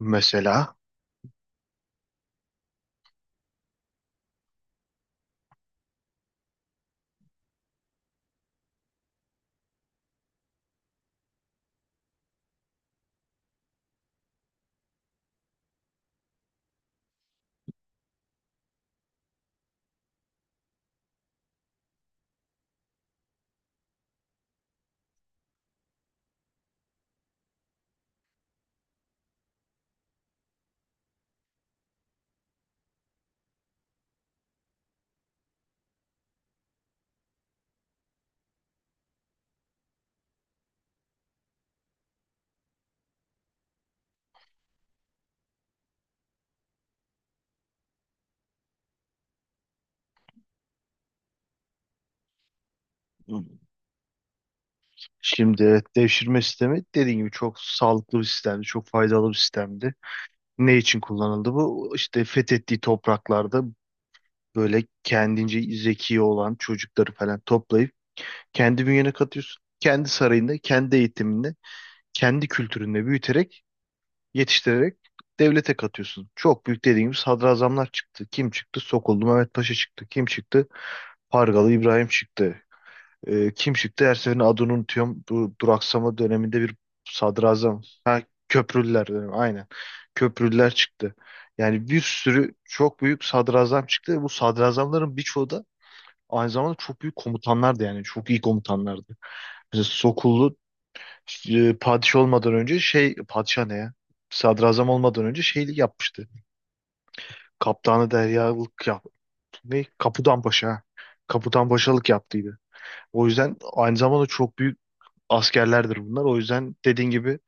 Mesela şimdi devşirme sistemi dediğim gibi çok sağlıklı bir sistemdi, çok faydalı bir sistemdi. Ne için kullanıldı bu? İşte fethettiği topraklarda böyle kendince zeki olan çocukları falan toplayıp kendi bünyene katıyorsun. Kendi sarayında, kendi eğitiminde, kendi kültüründe büyüterek, yetiştirerek devlete katıyorsun. Çok büyük dediğimiz sadrazamlar çıktı. Kim çıktı? Sokullu Mehmet Paşa çıktı. Kim çıktı? Pargalı İbrahim çıktı. Kim çıktı? Her seferinde adını unutuyorum. Bu duraksama döneminde bir sadrazam. Köprülüler dönemi. Aynen. Köprülüler çıktı. Yani bir sürü çok büyük sadrazam çıktı. Bu sadrazamların birçoğu da aynı zamanda çok büyük komutanlardı yani. Çok iyi komutanlardı. Mesela Sokullu padişah olmadan önce şey padişah ne ya? Sadrazam olmadan önce şeylik yapmıştı. Kaptanı deryalık yaptı. Ne? Kapudan Paşa. Ha. Kaputan Paşalık yaptıydı. O yüzden aynı zamanda çok büyük askerlerdir bunlar. O yüzden dediğin gibi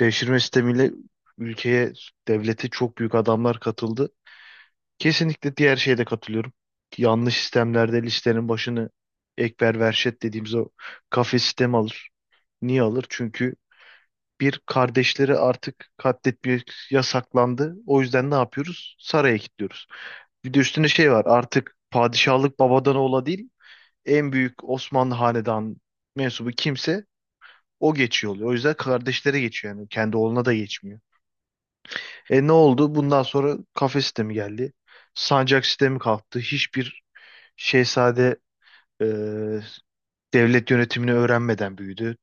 devşirme sistemiyle ülkeye, devlete çok büyük adamlar katıldı. Kesinlikle diğer şeye de katılıyorum. Yanlış sistemlerde listenin başını ekber verşet dediğimiz o kafes sistemi alır. Niye alır? Çünkü bir kardeşleri artık katletmek yasaklandı. O yüzden ne yapıyoruz? Saraya kilitliyoruz. Bir de üstüne şey var. Artık padişahlık babadan oğula değil, en büyük Osmanlı hanedan mensubu kimse o geçiyor oluyor. O yüzden kardeşlere geçiyor yani. Kendi oğluna da geçmiyor. E ne oldu? Bundan sonra kafe sistemi geldi. Sancak sistemi kalktı. Hiçbir şehzade e, devlet yönetimini öğrenmeden büyüdü.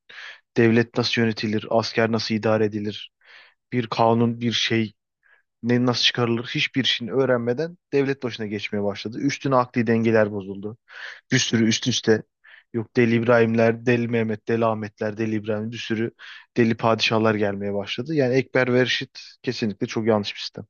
Devlet nasıl yönetilir? Asker nasıl idare edilir? Bir kanun, bir şey ne nasıl çıkarılır? Hiçbir şeyini öğrenmeden devlet başına geçmeye başladı. Üstüne akli dengeler bozuldu. Bir sürü üst üste yok Deli İbrahimler, Deli Mehmet, Deli Ahmetler, Deli İbrahim bir sürü deli padişahlar gelmeye başladı. Yani Ekber ve Reşit kesinlikle çok yanlış bir sistem.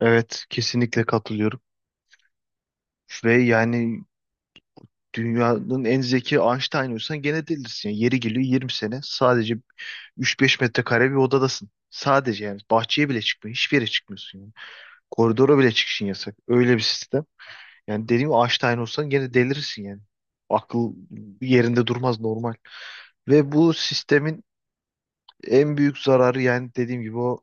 Evet, kesinlikle katılıyorum. Ve yani dünyanın en zeki Einstein olsan gene delisin. Yani yeri geliyor 20 sene sadece 3-5 metrekare bir odadasın. Sadece yani bahçeye bile çıkmıyor. Hiçbir yere çıkmıyorsun yani. Koridora bile çıkışın yasak. Öyle bir sistem. Yani dediğim gibi Einstein olsan gene delirirsin yani. Akıl yerinde durmaz normal. Ve bu sistemin en büyük zararı yani dediğim gibi o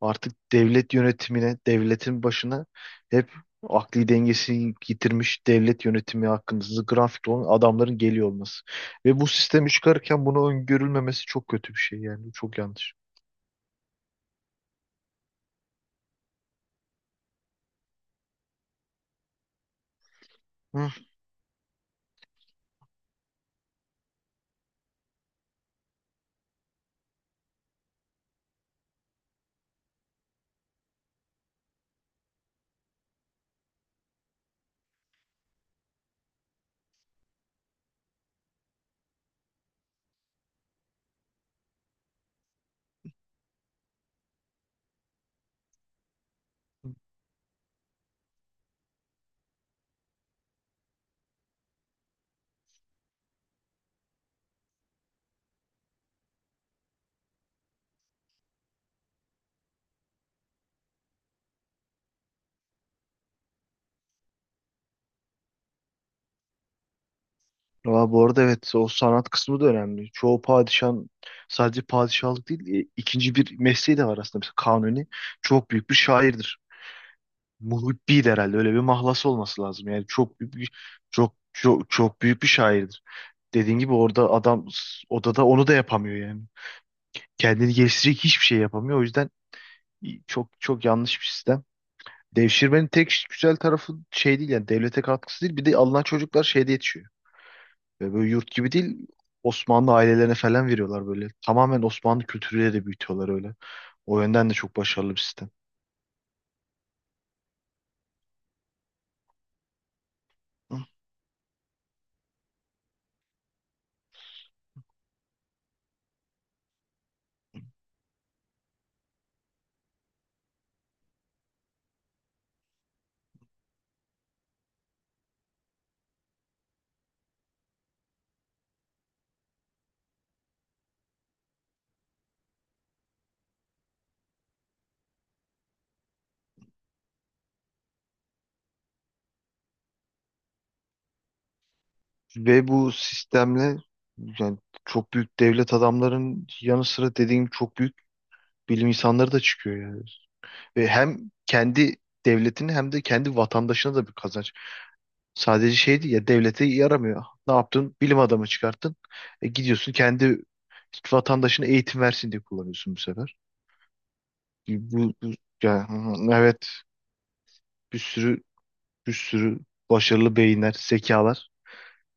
artık devlet yönetimine, devletin başına hep akli dengesini yitirmiş devlet yönetimi hakkında grafik olan adamların geliyor olması. Ve bu sistemi çıkarken bunu öngörülmemesi çok kötü bir şey yani. Çok yanlış. Aa, bu arada evet o sanat kısmı da önemli. Çoğu padişahın sadece padişahlık değil ikinci bir mesleği de var aslında. Mesela Kanuni çok büyük bir şairdir. Muhibbi'ydi herhalde öyle bir mahlası olması lazım. Yani çok büyük bir, çok büyük bir şairdir. Dediğin gibi orada adam odada onu da yapamıyor yani. Kendini geliştirecek hiçbir şey yapamıyor. O yüzden çok çok yanlış bir sistem. Devşirmenin tek güzel tarafı şey değil yani devlete katkısı değil. Bir de alınan çocuklar şeyde yetişiyor. Ve böyle yurt gibi değil, Osmanlı ailelerine falan veriyorlar böyle. Tamamen Osmanlı kültürüyle de büyütüyorlar öyle. O yönden de çok başarılı bir sistem. Ve bu sistemle yani çok büyük devlet adamların yanı sıra dediğim çok büyük bilim insanları da çıkıyor yani. Ve hem kendi devletini hem de kendi vatandaşına da bir kazanç. Sadece şeydi ya devlete yaramıyor. Ne yaptın? Bilim adamı çıkarttın. E, gidiyorsun kendi vatandaşına eğitim versin diye kullanıyorsun bu sefer. Bu yani, evet. Bir sürü bir sürü başarılı beyinler, zekalar.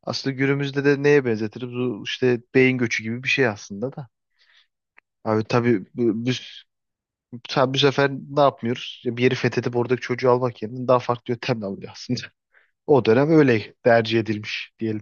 Aslında günümüzde de neye benzetiriz? Bu işte beyin göçü gibi bir şey aslında da. Abi tabii biz tabii bu sefer ne yapmıyoruz? Bir yeri fethedip oradaki çocuğu almak yerine daha farklı yöntemle alıyor aslında. O dönem öyle tercih edilmiş diyelim.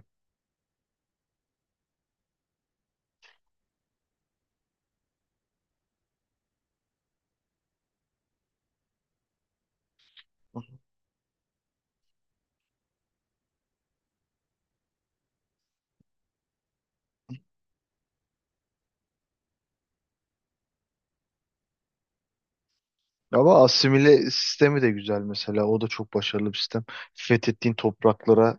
Ama asimile sistemi de güzel mesela. O da çok başarılı bir sistem. Fethettiğin topraklara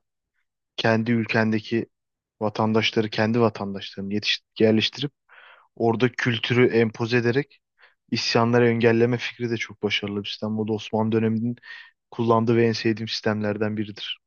kendi ülkendeki vatandaşları, kendi vatandaşlarını yerleştirip orada kültürü empoze ederek isyanları engelleme fikri de çok başarılı bir sistem. Bu da Osmanlı döneminin kullandığı ve en sevdiğim sistemlerden biridir.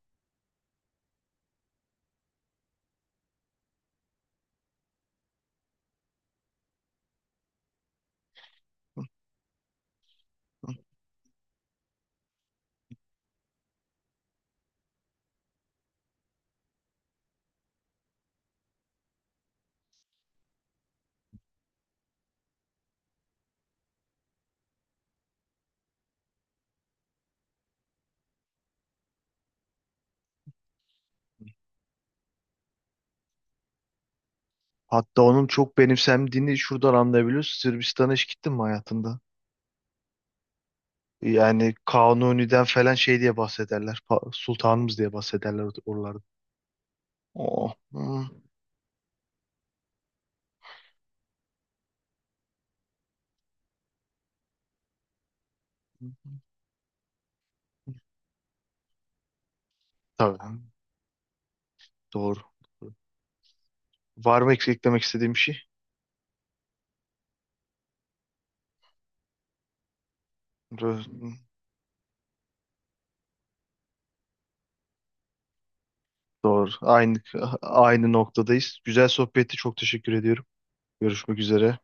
Hatta onun çok benimsendiğini şuradan anlayabiliyoruz. Sırbistan'a hiç gittin mi hayatında? Yani Kanuni'den falan şey diye bahsederler. Sultanımız diye bahsederler oralarda. Oh. Hmm. Tabii. Doğru. Var mı eklemek istediğim bir şey? Doğru. Doğru. Aynı noktadayız. Güzel sohbetti. Çok teşekkür ediyorum. Görüşmek üzere.